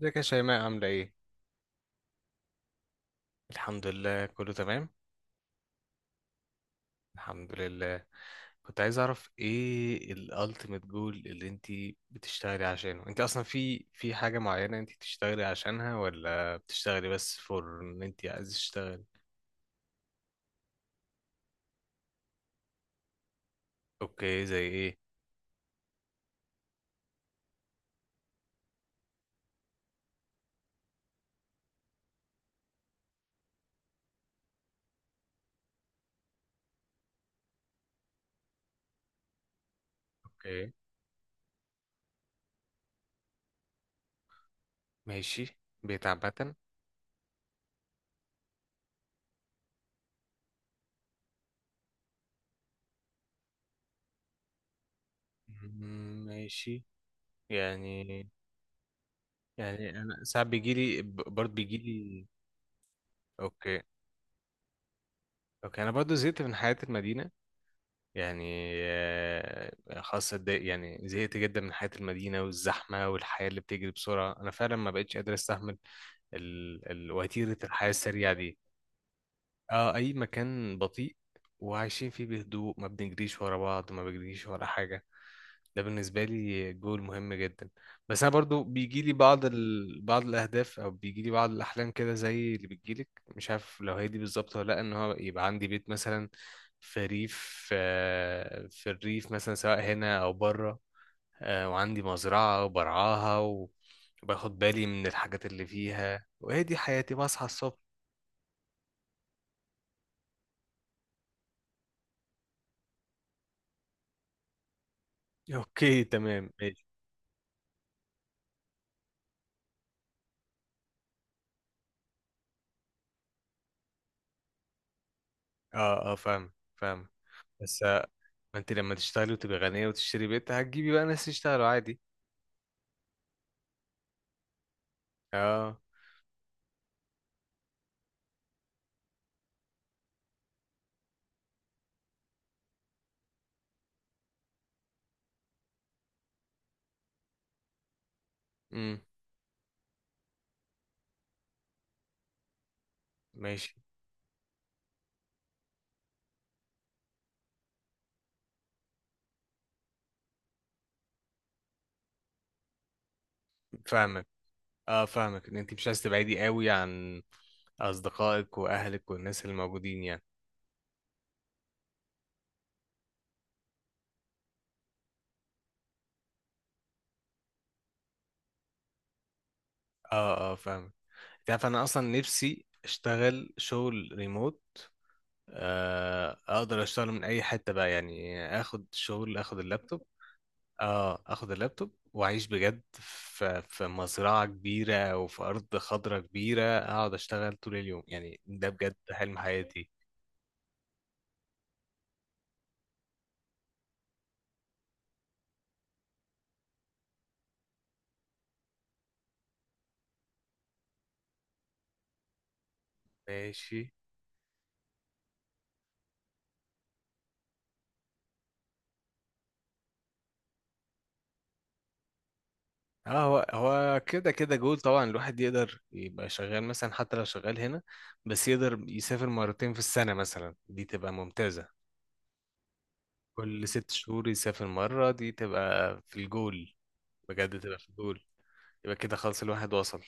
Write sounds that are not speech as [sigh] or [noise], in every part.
ازيك يا شيماء عاملة ايه؟ الحمد لله كله تمام. الحمد لله. كنت عايز اعرف ايه الالتيميت جول اللي انت بتشتغلي عشانه، انت اصلا في حاجة معينة انت بتشتغلي عشانها، ولا بتشتغلي بس فور ان انت عايز تشتغلي؟ اوكي، زي ايه؟ اوكي ماشي، بيت عامة. مم، ماشي. يعني يعني انا ساعات بيجيلي برضه بيجيلي. اوكي. اوكي انا برضه زهقت من حياة المدينة، يعني خلاص يعني زهقت جدا من حياة المدينة والزحمة والحياة اللي بتجري بسرعة، أنا فعلا ما بقتش قادر أستحمل وتيرة الحياة السريعة دي. اه، أي مكان بطيء وعايشين فيه بهدوء، ما بنجريش ورا بعض، ما بنجريش ورا حاجة. ده بالنسبة لي جول مهم جدا. بس أنا برضو بيجي لي بعض الأهداف، أو بيجي لي بعض الأحلام كده زي اللي بتجيلك. مش عارف لو هي دي بالظبط ولا لأ، إن هو يبقى عندي بيت مثلا في ريف، آه، في الريف مثلا، سواء هنا أو بره. آه، وعندي مزرعة وبرعاها وباخد بالي من الحاجات اللي فيها، وهي دي حياتي بصحى الصبح. أوكي تمام ماشي. أه أه فاهم فاهم. بس آه، ما أنت لما تشتغلي وتبقي غنية وتشتري بيت هتجيبي بقى ناس يشتغلوا عادي. اه. امم. ماشي. فاهمك. اه فاهمك ان انت مش عايز تبعدي قوي عن اصدقائك واهلك والناس اللي موجودين يعني. اه اه فاهمك. انت عارف انا اصلا نفسي اشتغل شغل ريموت، آه اقدر اشتغل من اي حته بقى، يعني اخد شغل، اخد اللابتوب. اه اخد اللابتوب واعيش بجد في مزرعه كبيره او في ارض خضراء كبيره، اقعد اشتغل طول اليوم. يعني ده بجد حلم حياتي. ماشي. اه، هو كده كده جول طبعا، الواحد يقدر يبقى شغال مثلا حتى لو شغال هنا، بس يقدر يسافر مرتين في السنة مثلا، دي تبقى ممتازة. كل ست شهور يسافر مرة، دي تبقى في الجول. بجد تبقى في الجول. يبقى كده خلاص الواحد وصل.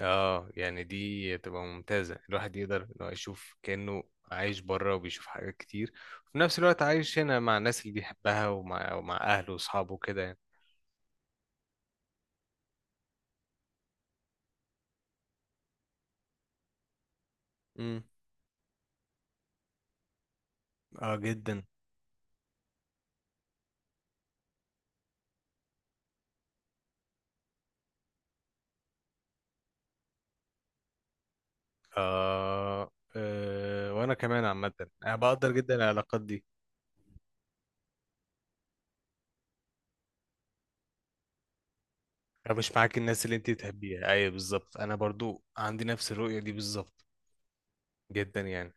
اه يعني دي تبقى ممتازة، الواحد يقدر إن هو يشوف كأنه عايش بره وبيشوف حاجات كتير، وفي نفس الوقت عايش هنا مع الناس اللي بيحبها، ومع أهله وأصحابه كده يعني. مم. اه جدا. آه آه وانا كمان عامه، انا بقدر جدا العلاقات دي. انا مش معاك، الناس اللي انت تحبيها، ايوه بالظبط، انا برضو عندي نفس الرؤيه دي بالظبط، جدا يعني.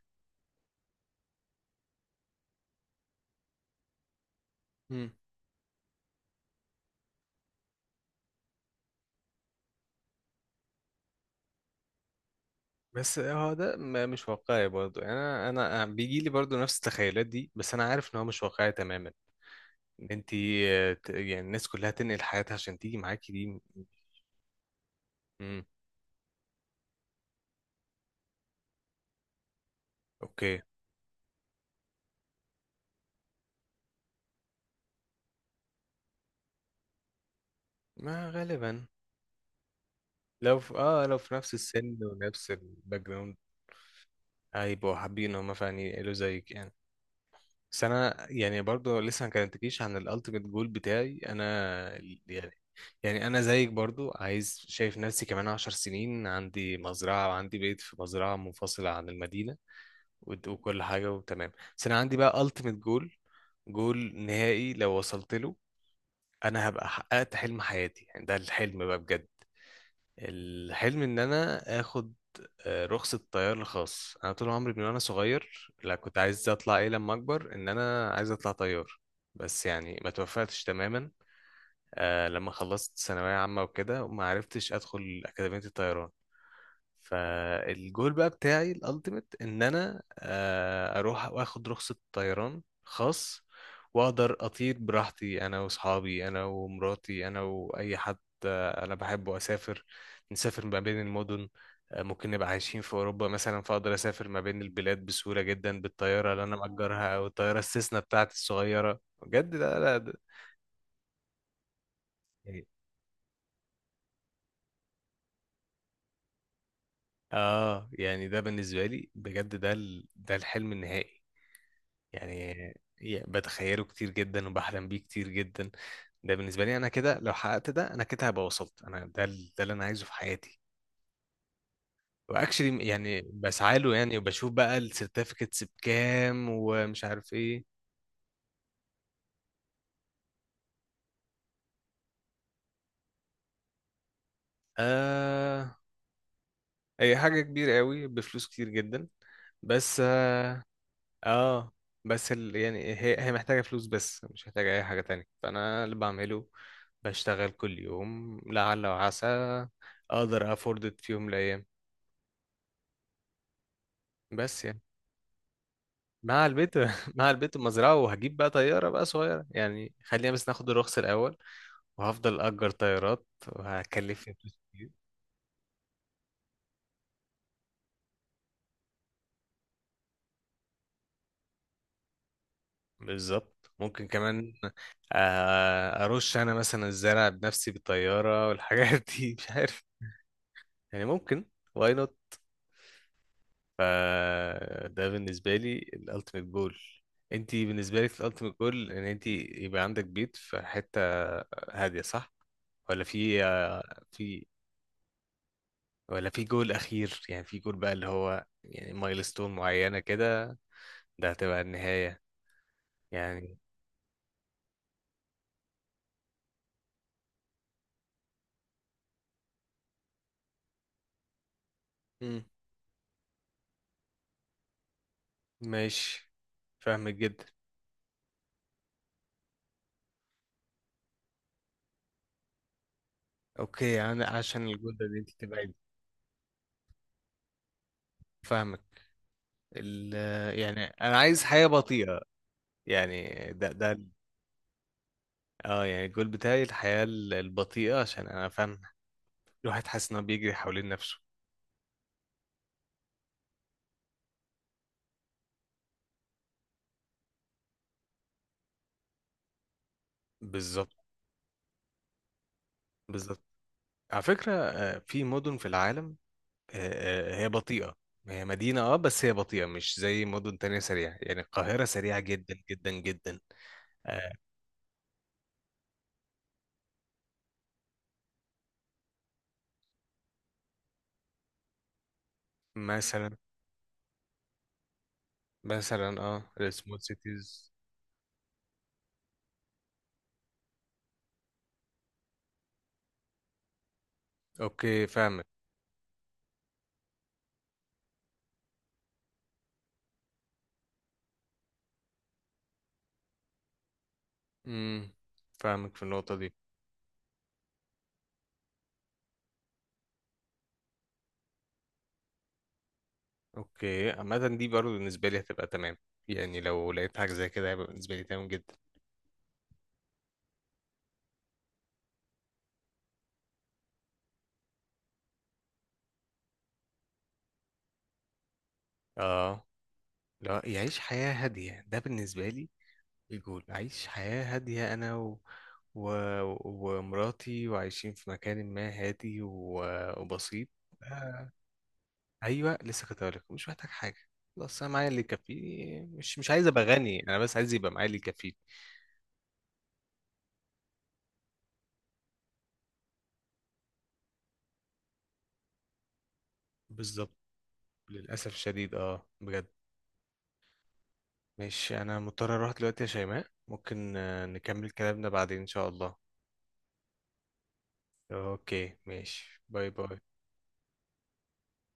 مم. بس هو ده مش واقعي برضو يعني. انا بيجي لي برضو نفس التخيلات دي، بس انا عارف ان هو مش واقعي تماما، ان انت آه، يعني الناس كلها تنقل حياتها عشان تيجي معاكي، دي امم. اوكي. ما غالبا، لو في اه لو في نفس السن ونفس الباك جراوند، هيبقوا حابين هم فعلا ينقلوا زيك يعني. بس انا يعني برضو لسه ما كلمتكيش عن الالتيميت جول بتاعي انا. يعني. يعني انا زيك برضو عايز، شايف نفسي كمان عشر سنين عندي مزرعه، وعندي بيت في مزرعه منفصله عن المدينه، وكل حاجه وتمام. بس انا عندي بقى التيميت جول، جول نهائي لو وصلت له انا هبقى حققت حلم حياتي، يعني ده الحلم بقى بجد. الحلم ان انا اخد، آه، رخصة طيار الخاص. انا طول عمري من وانا صغير، لا كنت عايز اطلع ايه لما اكبر، ان انا عايز اطلع طيار، بس يعني ما توفقتش تماما. آه لما خلصت ثانوية عامة وكده، وما عرفتش ادخل اكاديمية الطيران. فالجول بقى بتاعي الالتيميت ان انا آه اروح واخد رخصة طيران خاص، واقدر اطير براحتي انا واصحابي، انا ومراتي، انا واي حد. انا بحب اسافر، نسافر ما بين المدن. آه، ممكن نبقى عايشين في اوروبا مثلا، فاقدر اسافر ما بين البلاد بسهوله جدا بالطياره اللي انا مأجرها، او الطياره السيسنا بتاعتي الصغيره. بجد لا ده يعني- اه يعني ده بالنسبه لي بجد، ده ده الحلم النهائي يعني. يعني بتخيله كتير جدا وبحلم بيه كتير جدا. ده بالنسبه لي انا، كده لو حققت ده انا كده هبقى وصلت انا، ده ده اللي انا عايزه في حياتي. واكشلي يعني بسعى له يعني، وبشوف بقى السيرتيفيكتس بكام ومش عارف ايه. آه هي حاجة كبيرة قوي بفلوس كتير جدا. بس اه, آه بس يعني هي محتاجة فلوس بس، مش محتاجة أي حاجة تانية. فأنا اللي بعمله بشتغل كل يوم لعل وعسى أقدر أفورد إت في يوم من الأيام. بس يعني مع البيت [laughs] مع البيت المزرعة، وهجيب بقى طيارة بقى صغيرة، يعني خلينا بس ناخد الرخص الأول، وهفضل أجر طيارات وهكلف فلوس كتير. بالظبط. ممكن كمان آه، أرش أنا مثلا الزرع بنفسي بالطيارة والحاجات دي [laughs] مش عارف يعني ممكن. واي نوت. فده بالنسبة لي الألتيميت جول. انتي بالنسبة لك الألتيميت جول ان انتي يبقى عندك بيت في حتة هادية، صح؟ ولا في آه، في، ولا في جول أخير، يعني في جول بقى اللي هو يعني مايلستون معينة كده، ده هتبقى النهاية يعني؟ مم. ماشي. فاهمك جدا. اوكي انا عشان الجودة دي انت تبعد. فاهمك. ال يعني انا عايز حياة بطيئة، يعني ده اه يعني الجول بتاعي الحياة البطيئة، عشان انا فاهم الواحد حاسس انه بيجري حوالين نفسه. بالظبط. بالظبط. على فكرة آه، في مدن في العالم، آه، آه، هي بطيئة، هي مدينة اه، بس هي بطيئة مش زي مدن تانية سريعة، يعني القاهرة سريعة جدا جدا جدا. آه، مثلا. مثلا اه السمول سيتيز. اوكي فاهم. امم فاهمك في النقطة دي. اوكي عامة دي برضه بالنسبة لي هتبقى تمام، يعني لو لقيت حاجة زي كده هيبقى بالنسبة لي تمام جدا. اه. لا يعيش حياة هادية، ده بالنسبة لي الجول، أعيش حياة هادية أنا و... و... ومراتي، وعايشين في مكان ما هادي و... وبسيط. آه. أيوة لسه كنت هقولك مش محتاج حاجة. خلاص أنا معايا اللي يكفيني، مش مش عايز أبقى غني، أنا بس عايز يبقى معايا اللي يكفيني. بالظبط. للأسف الشديد اه بجد. ماشي انا مضطر اروح دلوقتي يا شيماء، ممكن آه، نكمل كلامنا بعدين ان شاء الله. اوكي ماشي، باي باي.